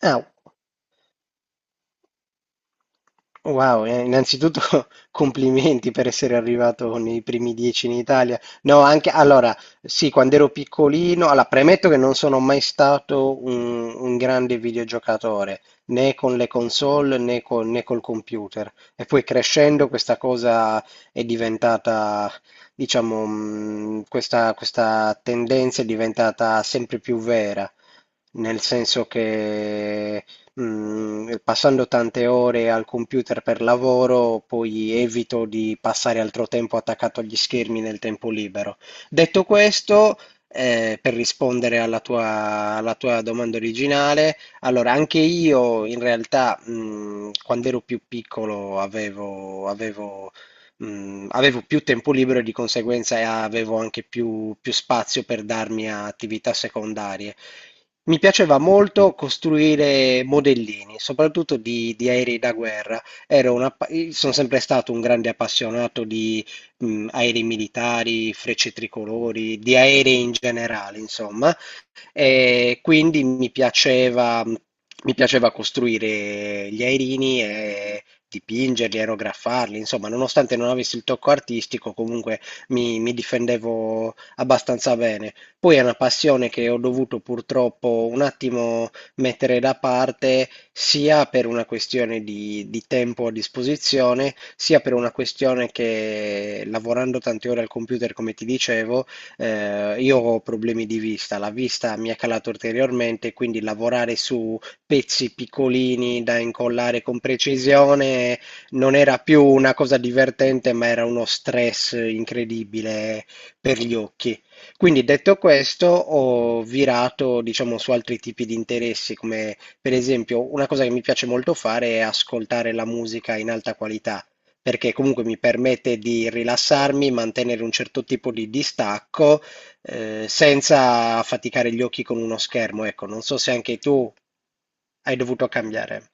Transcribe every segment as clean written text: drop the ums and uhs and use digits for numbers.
Ah, wow, innanzitutto complimenti per essere arrivato nei primi 10 in Italia. No, anche allora, sì, quando ero piccolino, allora, premetto che non sono mai stato un grande videogiocatore, né con le console né col computer. E poi crescendo questa cosa è diventata, diciamo, questa tendenza è diventata sempre più vera, nel senso che passando tante ore al computer per lavoro, poi evito di passare altro tempo attaccato agli schermi nel tempo libero. Detto questo, per rispondere alla tua, domanda originale, allora anche io in realtà, quando ero più piccolo avevo più tempo libero e di conseguenza avevo anche più, spazio per darmi a attività secondarie. Mi piaceva molto costruire modellini, soprattutto di aerei da guerra. Ero sono sempre stato un grande appassionato di aerei militari, frecce tricolori, di aerei in generale, insomma. E quindi mi piaceva costruire gli aerini e dipingerli, aerografarli, insomma, nonostante non avessi il tocco artistico, comunque mi, difendevo abbastanza bene. Poi è una passione che ho dovuto purtroppo un attimo mettere da parte, sia per una questione di tempo a disposizione, sia per una questione che lavorando tante ore al computer, come ti dicevo, io ho problemi di vista, la vista mi è calata ulteriormente, quindi lavorare su pezzi piccolini da incollare con precisione non era più una cosa divertente, ma era uno stress incredibile per gli occhi. Quindi detto questo, ho virato, diciamo, su altri tipi di interessi, come per esempio una cosa che mi piace molto fare è ascoltare la musica in alta qualità perché comunque mi permette di rilassarmi, mantenere un certo tipo di distacco, senza affaticare gli occhi con uno schermo. Ecco, non so se anche tu hai dovuto cambiare.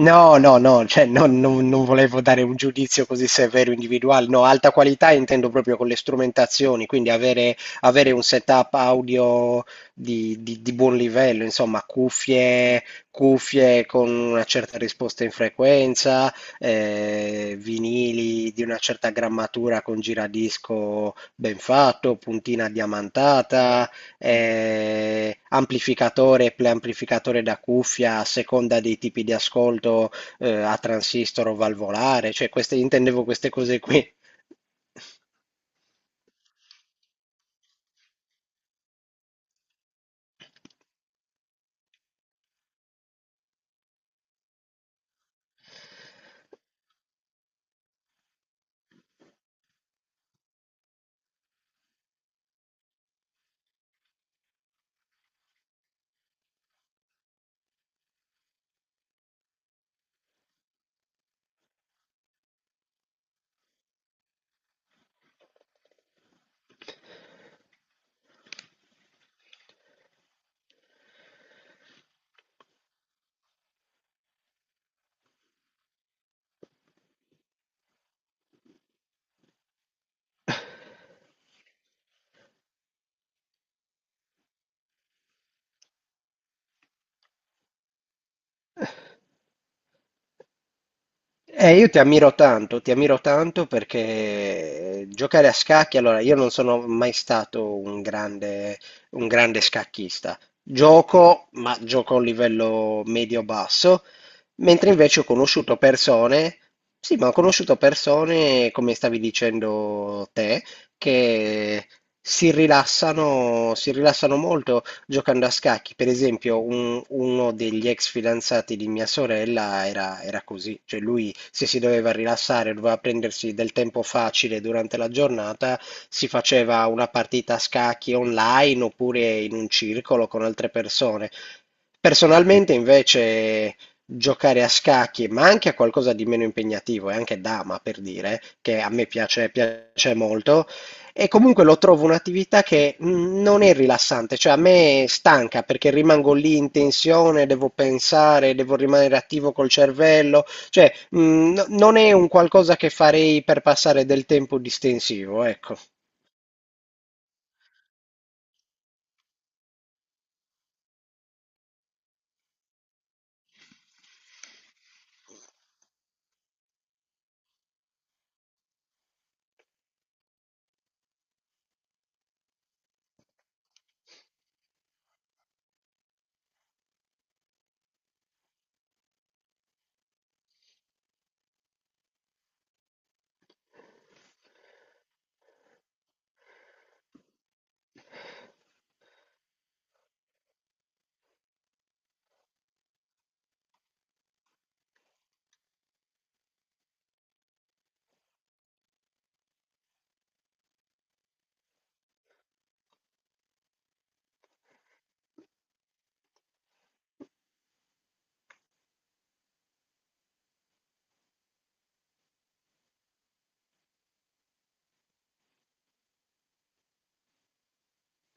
No, no, no, cioè non volevo dare un giudizio così severo individuale, no, alta qualità intendo proprio con le strumentazioni, quindi avere, un setup audio di buon livello, insomma, cuffie con una certa risposta in frequenza, vinili di una certa grammatura con giradisco ben fatto, puntina diamantata, amplificatore e preamplificatore da cuffia a seconda dei tipi di ascolto a transistor o valvolare, cioè queste, intendevo queste cose qui. Io ti ammiro tanto perché giocare a scacchi, allora io non sono mai stato un grande, scacchista. Gioco, ma gioco a un livello medio-basso, mentre invece ho conosciuto persone, sì, ma ho conosciuto persone, come stavi dicendo te, che si rilassano, molto giocando a scacchi. Per esempio, uno degli ex fidanzati di mia sorella era così, cioè lui se si doveva rilassare, doveva prendersi del tempo facile durante la giornata, si faceva una partita a scacchi online oppure in un circolo con altre persone. Personalmente, invece, giocare a scacchi, ma anche a qualcosa di meno impegnativo, e anche dama per dire, che a me piace molto, e comunque lo trovo un'attività che non è rilassante, cioè a me stanca perché rimango lì in tensione, devo pensare, devo rimanere attivo col cervello, cioè non è un qualcosa che farei per passare del tempo distensivo, ecco.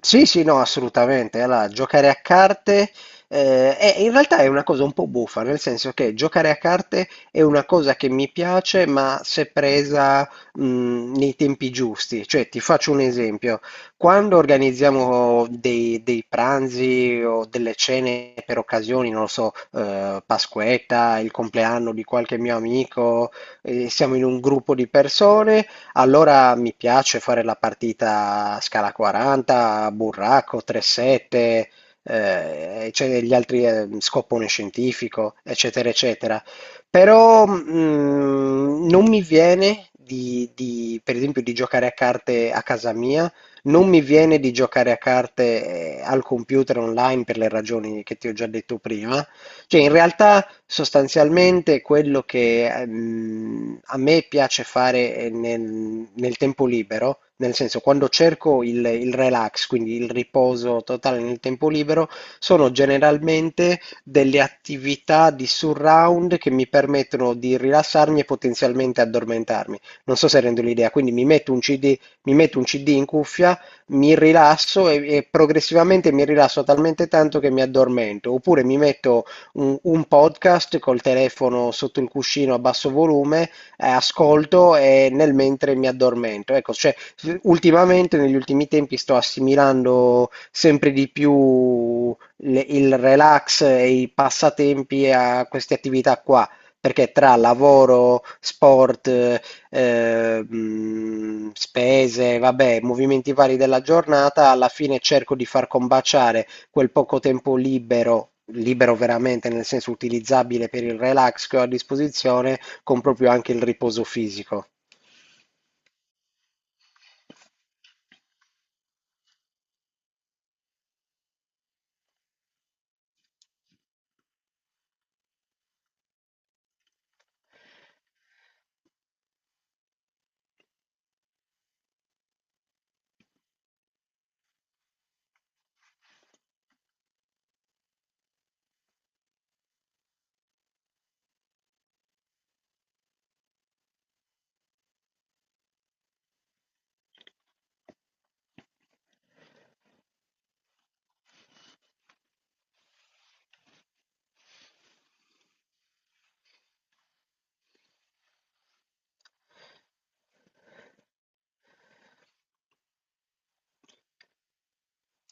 Sì, sì, no, assolutamente. Allora, giocare a carte in realtà è una cosa un po' buffa, nel senso che giocare a carte è una cosa che mi piace, ma se presa nei tempi giusti. Cioè, ti faccio un esempio. Quando organizziamo dei, pranzi o delle cene per occasioni, non lo so, Pasquetta, il compleanno di qualche mio amico, siamo in un gruppo di persone. Allora mi piace fare la partita a scala 40, burraco, 3-7, cioè gli altri scopone scientifico, eccetera, eccetera. Però non mi viene per esempio, di giocare a carte a casa mia, non mi viene di giocare a carte al computer online per le ragioni che ti ho già detto prima. Cioè, in realtà. Sostanzialmente quello che, a me piace fare nel, tempo libero, nel senso quando cerco il relax, quindi il riposo totale nel tempo libero, sono generalmente delle attività di surround che mi permettono di rilassarmi e potenzialmente addormentarmi. Non so se rendo l'idea, quindi mi metto un CD, mi metto un CD in cuffia, mi rilasso e progressivamente mi rilasso talmente tanto che mi addormento, oppure mi metto un podcast col telefono sotto il cuscino a basso volume, ascolto e nel mentre mi addormento. Ecco, cioè, ultimamente, negli ultimi tempi, sto assimilando sempre di più il relax e i passatempi a queste attività qua. Perché tra lavoro, sport, spese, vabbè, movimenti vari della giornata, alla fine cerco di far combaciare quel poco tempo libero, libero veramente nel senso utilizzabile per il relax che ho a disposizione, con proprio anche il riposo fisico.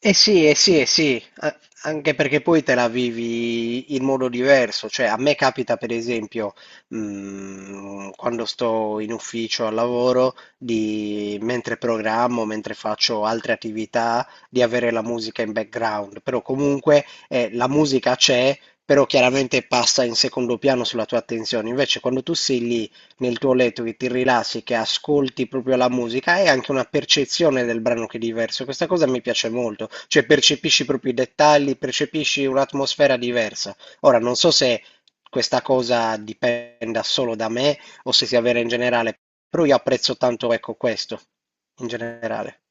Eh sì, eh sì, eh sì, anche perché poi te la vivi in modo diverso, cioè a me capita per esempio quando sto in ufficio al lavoro, mentre programmo, mentre faccio altre attività, di avere la musica in background, però comunque la musica c'è, però chiaramente passa in secondo piano sulla tua attenzione, invece quando tu sei lì nel tuo letto, che ti rilassi, che ascolti proprio la musica, hai anche una percezione del brano che è diverso. Questa cosa mi piace molto, cioè percepisci proprio i dettagli, percepisci un'atmosfera diversa. Ora, non so se questa cosa dipenda solo da me o se sia vera in generale, però io apprezzo tanto, ecco, questo in generale.